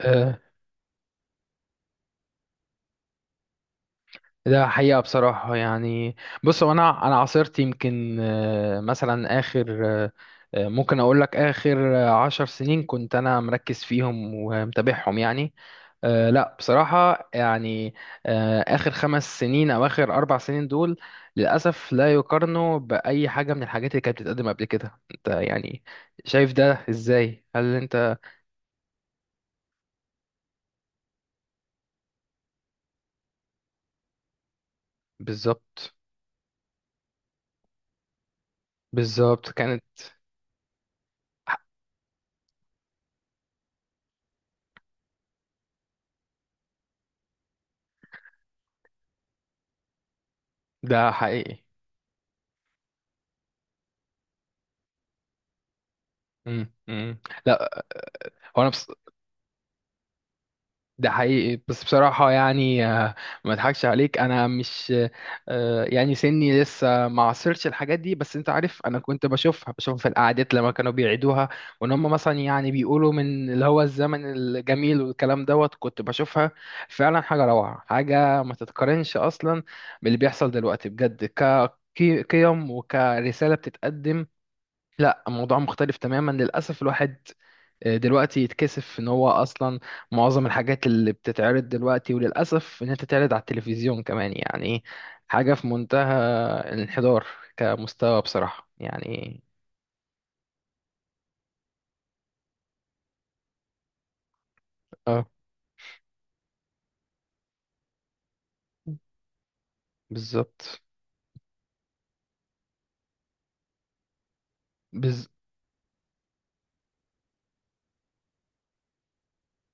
آه، ده حقيقة بصراحة يعني. بص، هو أنا عاصرت يمكن مثلا آخر ممكن أقول لك آخر 10 سنين كنت أنا مركز فيهم ومتابعهم يعني. لا، بصراحة يعني آخر 5 سنين أو آخر 4 سنين دول، للأسف لا يقارنوا بأي حاجة من الحاجات اللي كانت بتتقدم قبل كده. أنت يعني شايف ده إزاي؟ هل أنت بالظبط، بالظبط كانت ده حقيقي. مم. مم. لا، هو انا بص. ده حقيقي بس بصراحة يعني ما اضحكش عليك، أنا مش يعني سني لسه ما عاصرتش الحاجات دي، بس أنت عارف أنا كنت بشوفها في القعدات لما كانوا بيعيدوها، وإن هم مثلا يعني بيقولوا من اللي هو الزمن الجميل والكلام دوت. كنت بشوفها فعلا حاجة روعة، حاجة ما تتقارنش أصلا باللي بيحصل دلوقتي بجد، كقيم وكرسالة بتتقدم. لا، الموضوع مختلف تماما للأسف. الواحد دلوقتي يتكسف ان هو اصلا معظم الحاجات اللي بتتعرض دلوقتي، وللاسف انها تتعرض على التلفزيون كمان يعني، حاجه في منتهى الانحدار كمستوى بصراحه يعني. اه، بالظبط. بز.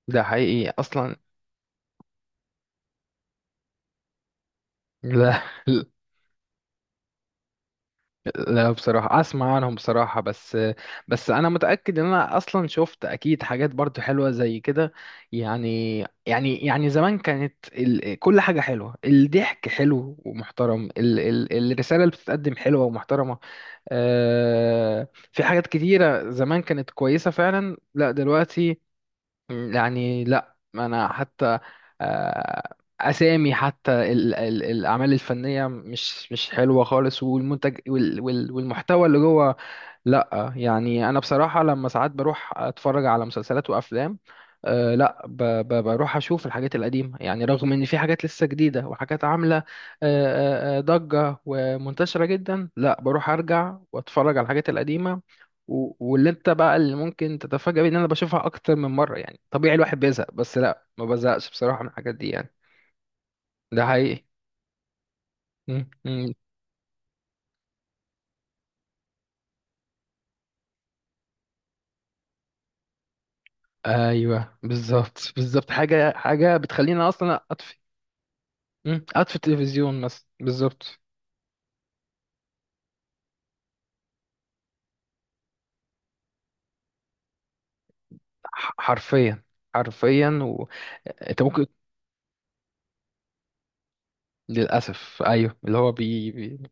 ده حقيقي اصلا. لا. لا، بصراحة أسمع عنهم بصراحة، بس أنا متأكد إن أنا أصلا شفت أكيد حاجات برضو حلوة زي كده يعني. يعني زمان كانت ال، كل حاجة حلوة، الضحك حلو ومحترم، الرسالة اللي بتتقدم حلوة ومحترمة. في حاجات كتيرة زمان كانت كويسة فعلا. لا دلوقتي. مم، يعني لا انا حتى اسامي حتى الاعمال الفنيه مش حلوه خالص، والمنتج والمحتوى اللي جوه. لا، يعني انا بصراحه لما ساعات بروح اتفرج على مسلسلات وافلام، لا، ب ب بروح اشوف الحاجات القديمه يعني، رغم ان في حاجات لسه جديده وحاجات عامله أه أه آه، ضجه ومنتشره جدا، لا بروح ارجع واتفرج على الحاجات القديمه. واللي انت بقى اللي ممكن تتفاجأ بيه ان انا بشوفها اكتر من مره يعني. طبيعي الواحد بيزهق، بس لا، ما بزهقش بصراحه من الحاجات دي يعني. ده حقيقي م- م. ايوه، بالظبط، بالظبط. حاجه بتخليني اصلا أطفي. مم. قاعد في التلفزيون مثلا. بالظبط. حرفيا، حرفيا. انت ممكن للاسف ايوه، اللي هو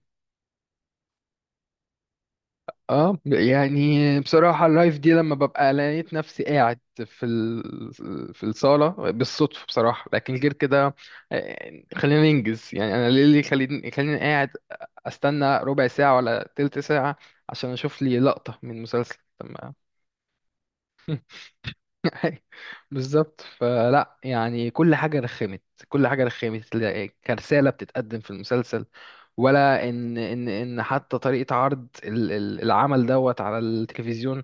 اه، يعني بصراحه، اللايف دي لما ببقى لقيت نفسي قاعد في في الصاله بالصدفه بصراحه، لكن غير كده خلينا ننجز يعني. انا ليه اللي خليني قاعد استنى ربع ساعه ولا تلت ساعه عشان اشوف لي لقطه من مسلسل؟ طب. أي، بالظبط. فلا يعني، كل حاجة رخمت، كل حاجة رخمت. كرسالة بتتقدم في المسلسل، ولا ان حتى طريقة عرض العمل دوت على التلفزيون،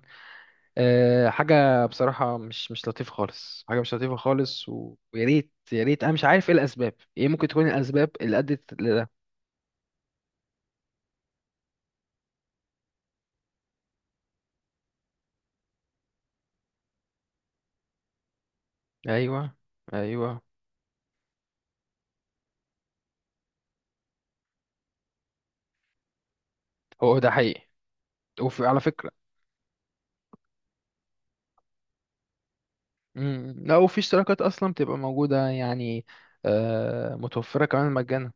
حاجة بصراحة مش لطيفة خالص، حاجة مش لطيفة خالص. ويا ريت، يا ريت. انا مش عارف ايه الاسباب، ايه ممكن تكون الاسباب اللي ادت لده. ايوه، ايوه. هو ده حقيقي. وفي على فكرة، مم. لا، وفي اشتراكات اصلا بتبقى موجودة يعني، متوفرة كمان مجانا.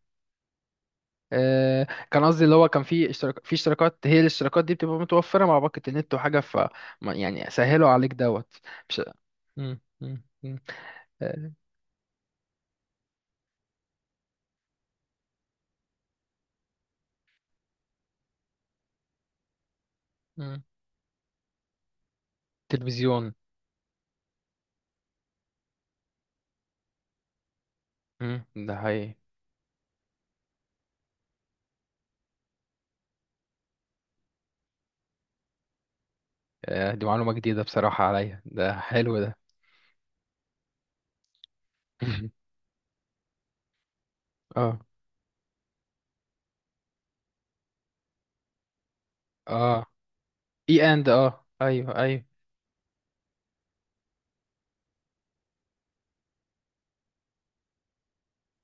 كان قصدي اللي هو كان في اشتراكات، هي الاشتراكات دي بتبقى متوفرة مع باقة النت وحاجة. ف يعني سهلوا عليك دوت. مش. مم. مم. مم. آه، مم. تلفزيون. مم، ده هي دي معلومة جديدة بصراحة عليا، ده حلو ده. اه، اه، اي اند، اه، ايوه، ايوه،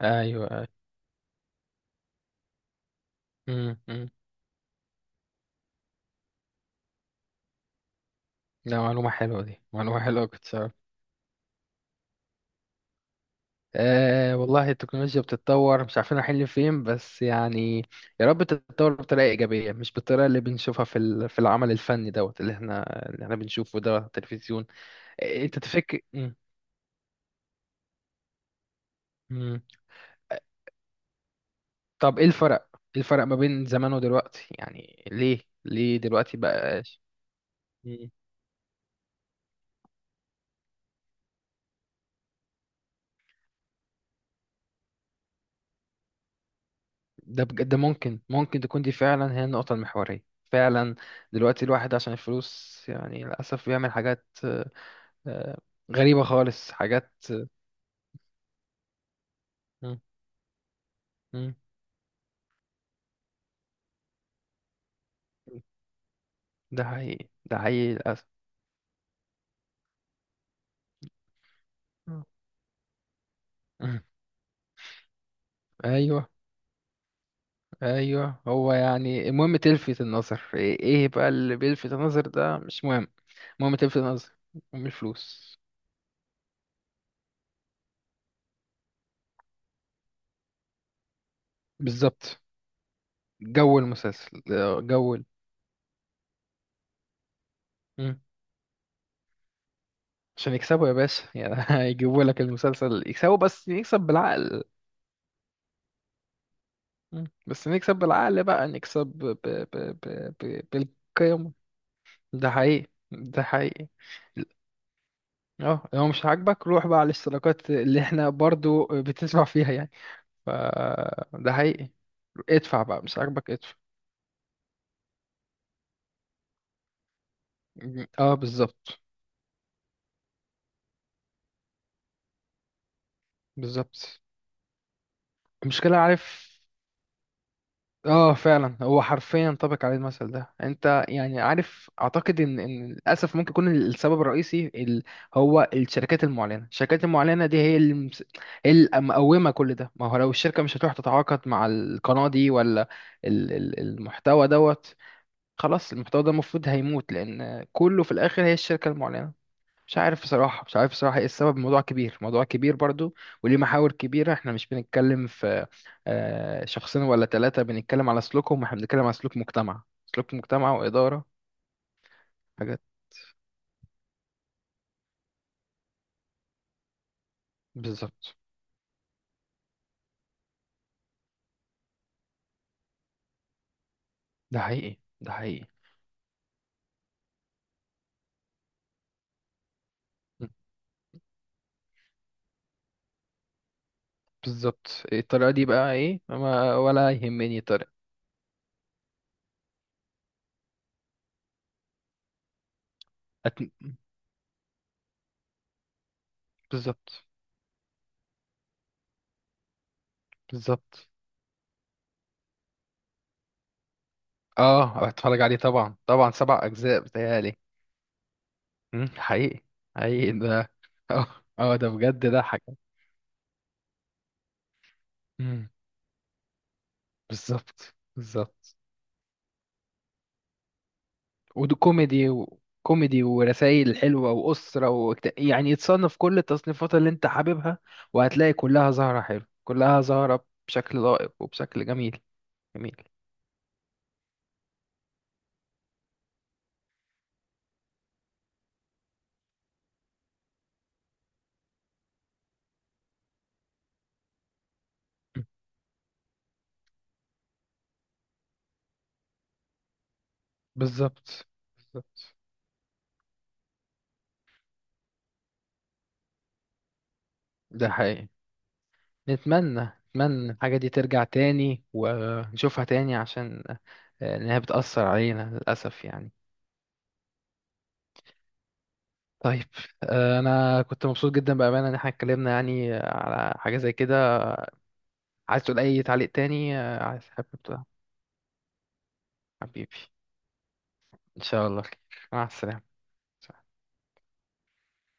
ايوه، ايوه. مم، مم. ده معلومة حلوة، دي معلومة حلوة كنت. آه والله، التكنولوجيا بتتطور، مش عارفين رايحين لفين بس يعني. يا رب تتطور بطريقة إيجابية، مش بالطريقة اللي بنشوفها في في العمل الفني دوت، اللي احنا بنشوفه ده على التلفزيون. انت تفكر. مم. مم. طب ايه الفرق؟ ما بين زمان ودلوقتي يعني؟ ليه دلوقتي بقى؟ مم. ده بجد، ده ممكن تكون دي فعلا هي النقطة المحورية فعلا. دلوقتي الواحد عشان الفلوس يعني للأسف بيعمل حاجات آه، غريبة خالص، حاجات. مم. ده حقيقي، ده حقيقي للأسف. مم. مم. أيوه، أيوه. هو يعني المهم تلفت النظر. إيه بقى اللي بيلفت النظر، ده مش مهم. المهم تلفت النظر. أم الفلوس. بالظبط. جو المسلسل، جو مم. عشان يكسبوا يا باشا يعني. هيجيبوا لك المسلسل يكسبوا، بس نكسب بالعقل. مم. بس نكسب بالعقل بقى، نكسب بالقيم. ده حقيقي، ده حقيقي. اه، لو مش عاجبك روح بقى على الاشتراكات اللي احنا برضو بتدفع فيها يعني. ف ده حقيقي. ادفع بقى، مش عاجبك ادفع. اه، بالظبط، بالظبط. المشكلة عارف، اه فعلا. هو حرفيا ينطبق عليه المثل ده، انت يعني عارف. اعتقد ان للاسف ممكن يكون السبب الرئيسي هو الشركات المعلنه. الشركات المعلنه دي هي اللي هي اللي مقومه كل ده. ما هو لو الشركه مش هتروح تتعاقد مع القناه دي ولا المحتوى دوت، خلاص المحتوى ده المفروض هيموت، لان كله في الاخر هي الشركه المعلنه. مش عارف بصراحه، مش عارف بصراحه ايه السبب. الموضوع كبير، موضوع كبير برضو وليه محاور كبيره. احنا مش بنتكلم في شخصين ولا ثلاثه بنتكلم على سلوكهم، احنا بنتكلم على سلوك مجتمع. سلوك مجتمع واداره حاجات. بالظبط. ده حقيقي، ده حقيقي. م. بالظبط. الطريقه دي بقى ايه؟ ما ولا يهمني الطريقه. أت... بالظبط، بالظبط. اه، هتفرج عليه طبعا، طبعا. 7 اجزاء بتهيألي. مم، حقيقي، حقيقي ده. اه، اه، ده بجد، ده حاجة. مم، بالظبط، بالظبط. وده كوميدي، ورسائل حلوة وأسرة يعني يتصنف كل التصنيفات اللي أنت حاببها، وهتلاقي كلها زهرة حلو، كلها زهرة بشكل لائق وبشكل جميل. جميل. مم، بالظبط، بالظبط. ده حقيقي. نتمنى، نتمنى الحاجة دي ترجع تاني ونشوفها تاني عشان إنها بتأثر علينا للأسف يعني. طيب، انا كنت مبسوط جدا بامانه ان احنا اتكلمنا يعني على حاجه زي كده. عايز تقول اي تعليق تاني؟ عايز حابب تقول. حبيبي، ان شاء الله خير. مع السلامه.